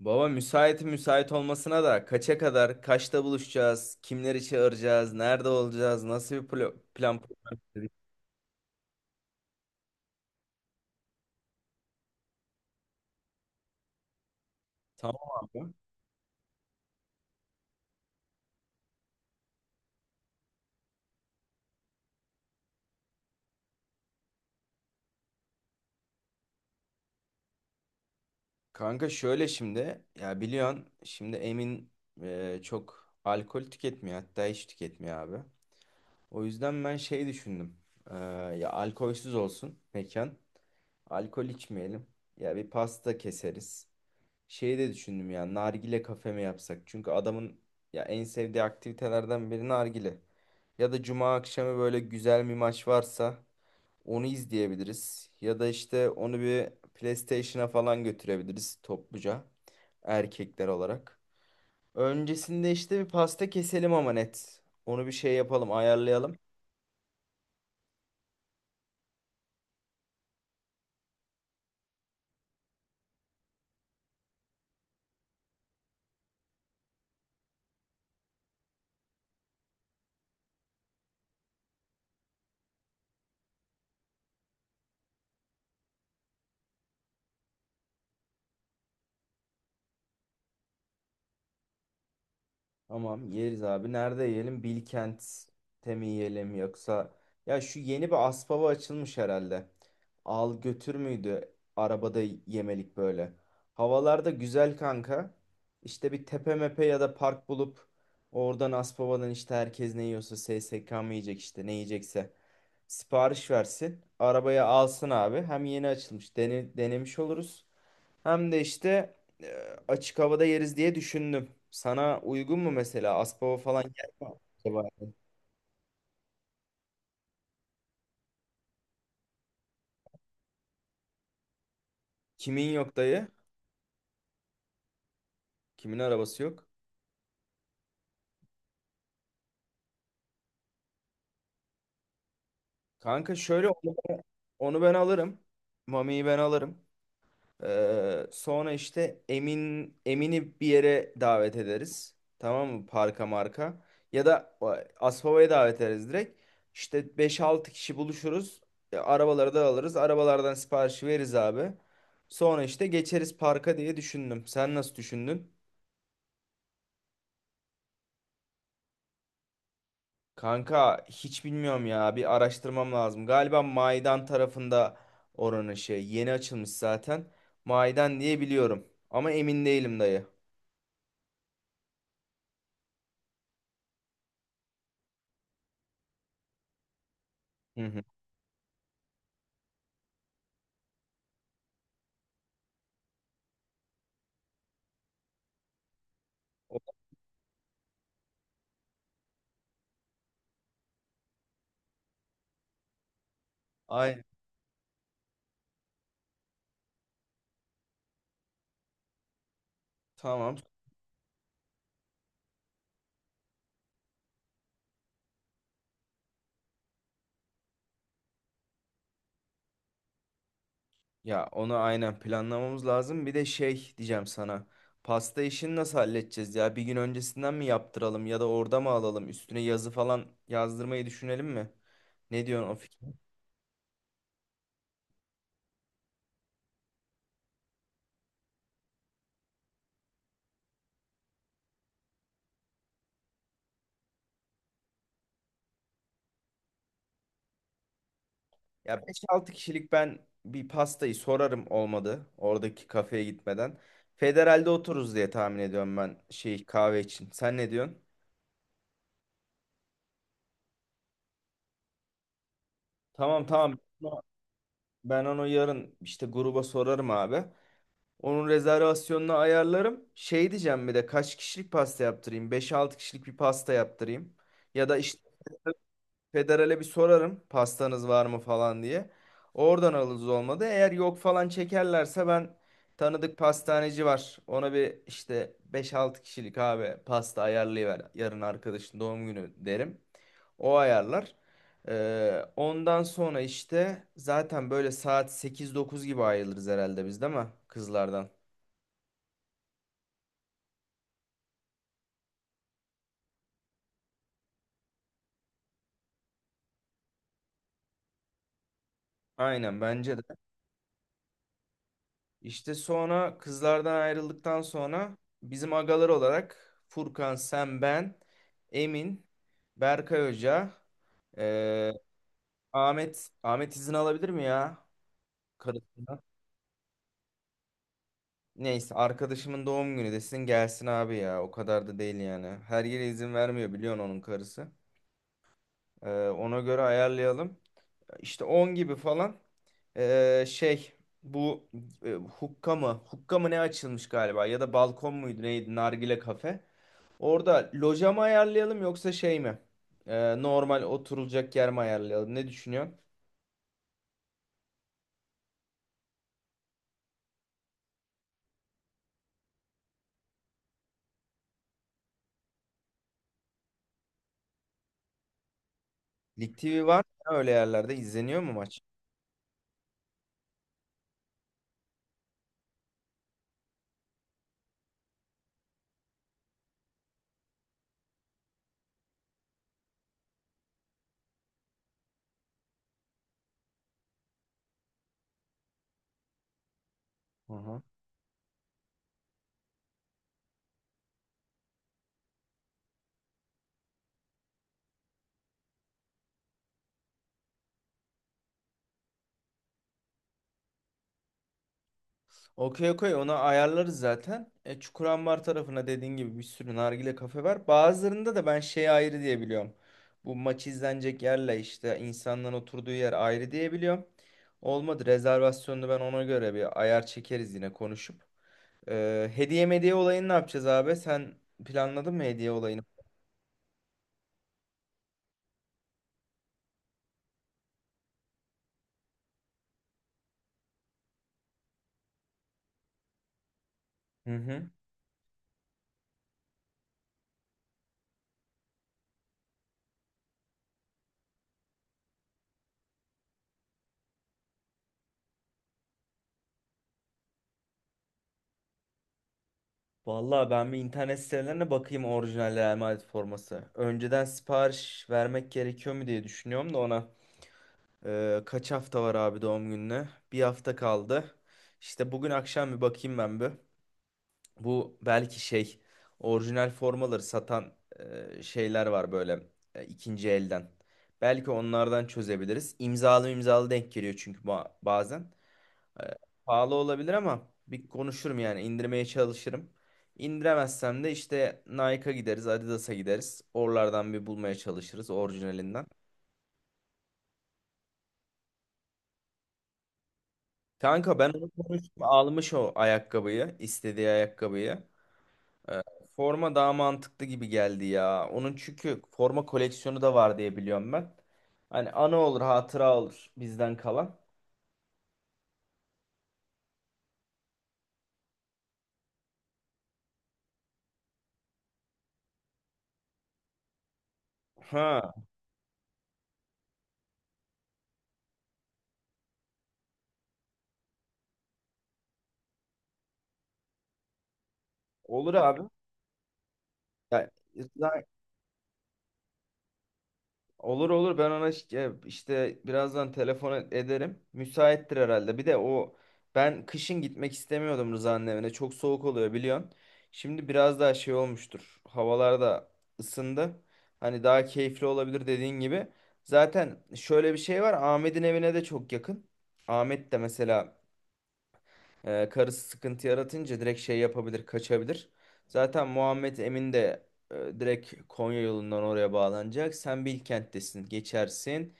Baba müsait müsait olmasına da kaça kadar, kaçta buluşacağız, kimleri çağıracağız, nerede olacağız, nasıl bir plan program istedik? Tamam abi. Kanka şöyle şimdi ya biliyorsun şimdi Emin çok alkol tüketmiyor hatta hiç tüketmiyor abi. O yüzden ben şey düşündüm. E, Ya alkolsüz olsun mekan. Alkol içmeyelim. Ya bir pasta keseriz. Şeyi de düşündüm ya, nargile kafe mi yapsak? Çünkü adamın ya en sevdiği aktivitelerden biri nargile. Ya da cuma akşamı böyle güzel bir maç varsa onu izleyebiliriz. Ya da işte onu bir PlayStation'a falan götürebiliriz topluca, erkekler olarak. Öncesinde işte bir pasta keselim ama net. Onu bir şey yapalım, ayarlayalım. Tamam, yeriz abi. Nerede yiyelim? Bilkent'te mi yiyelim, yoksa ya şu yeni bir Aspava açılmış herhalde. Al götür müydü? Arabada yemelik böyle. Havalarda güzel kanka. İşte bir tepe mepe ya da park bulup oradan Aspava'dan, işte herkes ne yiyorsa, SSK mı yiyecek, işte ne yiyecekse sipariş versin. Arabaya alsın abi. Hem yeni açılmış, denemiş oluruz. Hem de işte açık havada yeriz diye düşündüm. Sana uygun mu mesela? Aspava falan gelme acaba? Kimin yok dayı? Kimin arabası yok? Kanka şöyle onu, onu ben alırım. Mami'yi ben alırım. Sonra işte Emin'i bir yere davet ederiz. Tamam mı? Parka marka. Ya da Aspava'ya davet ederiz direkt. İşte beş altı kişi buluşuruz. E, arabaları da alırız. Arabalardan siparişi veririz abi. Sonra işte geçeriz parka diye düşündüm. Sen nasıl düşündün? Kanka hiç bilmiyorum ya. Bir araştırmam lazım. Galiba Maydan tarafında, oranın şey, yeni açılmış zaten. Maydan diye biliyorum. Ama emin değilim dayı. Hı hı. Aynen. Tamam. Ya onu aynen planlamamız lazım. Bir de şey diyeceğim sana. Pasta işini nasıl halledeceğiz ya? Bir gün öncesinden mi yaptıralım, ya da orada mı alalım? Üstüne yazı falan yazdırmayı düşünelim mi? Ne diyorsun o fikir? Ya beş altı kişilik ben bir pastayı sorarım olmadı. Oradaki kafeye gitmeden. Federal'de otururuz diye tahmin ediyorum ben, şey, kahve için. Sen ne diyorsun? Tamam tamam. Ben onu yarın işte gruba sorarım abi. Onun rezervasyonunu ayarlarım. Şey diyeceğim, bir de kaç kişilik pasta yaptırayım? Beş-altı kişilik bir pasta yaptırayım. Ya da işte federale bir sorarım, pastanız var mı falan diye. Oradan alırız olmadı. Eğer yok falan çekerlerse, ben tanıdık pastaneci var. Ona bir işte beş-altı kişilik abi pasta ayarlayıver. Yarın arkadaşın doğum günü derim. O ayarlar. Ondan sonra işte zaten böyle saat sekiz-dokuz gibi ayrılırız herhalde biz değil mi? Kızlardan. Aynen bence de. İşte sonra kızlardan ayrıldıktan sonra bizim agalar olarak Furkan, sen, ben, Emin, Berkay Hoca, eee, Ahmet izin alabilir mi ya? Karısından. Neyse, arkadaşımın doğum günü desin, gelsin abi ya. O kadar da değil yani. Her yere izin vermiyor biliyorsun onun karısı. Ona göre ayarlayalım. İşte 10 gibi falan, eee, şey bu hukka mı ne açılmış galiba, ya da balkon muydu neydi, nargile kafe. Orada loja mı ayarlayalım, yoksa şey mi? Normal oturulacak yer mi ayarlayalım? Ne düşünüyorsun? Lig TV var mı ya? Öyle yerlerde izleniyor mu maç? Hı. Okey okey, onu ayarlarız zaten. E, Çukurambar tarafına dediğin gibi bir sürü nargile kafe var. Bazılarında da ben şey ayrı diye biliyorum. Bu maç izlenecek yerle işte insanların oturduğu yer ayrı diye biliyorum. Olmadı rezervasyonunu ben ona göre bir ayar çekeriz yine konuşup. E, hediye mediye olayını ne yapacağız abi? Sen planladın mı hediye olayını? Hı hı. Vallahi ben bir internet sitelerine bakayım, orijinal Real Madrid forması. Önceden sipariş vermek gerekiyor mu diye düşünüyorum da ona. Kaç hafta var abi doğum gününe? Bir hafta kaldı. İşte bugün akşam bir bakayım ben bir. Bu belki şey, orijinal formaları satan şeyler var böyle, ikinci elden. Belki onlardan çözebiliriz. İmzalı imzalı denk geliyor çünkü bazen. E, pahalı olabilir ama bir konuşurum yani, indirmeye çalışırım. İndiremezsem de işte Nike'a gideriz, Adidas'a gideriz. Oralardan bir bulmaya çalışırız orijinalinden. Kanka ben onu konuştum. Almış o ayakkabıyı. İstediği ayakkabıyı. Ee, forma daha mantıklı gibi geldi ya. Onun çünkü forma koleksiyonu da var diye biliyorum ben. Hani anı olur, hatıra olur bizden kalan. Ha, olur abi. Ya, olur olur, ben ona işte birazdan telefon ederim. Müsaittir herhalde. Bir de o, ben kışın gitmek istemiyordum Rıza'nın evine. Çok soğuk oluyor biliyorsun. Şimdi biraz daha şey olmuştur. Havalar da ısındı. Hani daha keyifli olabilir dediğin gibi. Zaten şöyle bir şey var. Ahmet'in evine de çok yakın. Ahmet de mesela karısı sıkıntı yaratınca direkt şey yapabilir, kaçabilir. Zaten Muhammed Emin de direkt Konya yolundan oraya bağlanacak. Sen Bilkent'tesin, geçersin.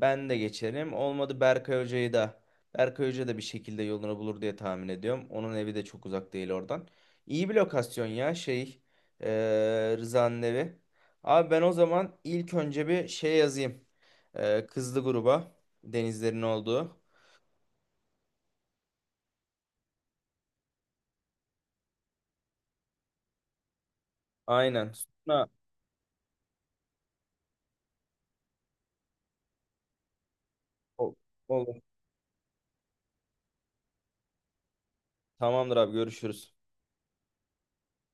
Ben de geçerim. Olmadı Berkay Hoca'yı da. Berkay Hoca da bir şekilde yolunu bulur diye tahmin ediyorum. Onun evi de çok uzak değil oradan. İyi bir lokasyon ya, şey, e, Rıza'nın evi. Abi ben o zaman ilk önce bir şey yazayım. E, kızlı gruba, denizlerin olduğu. Aynen. Sonra o- olur. Tamamdır abi, görüşürüz.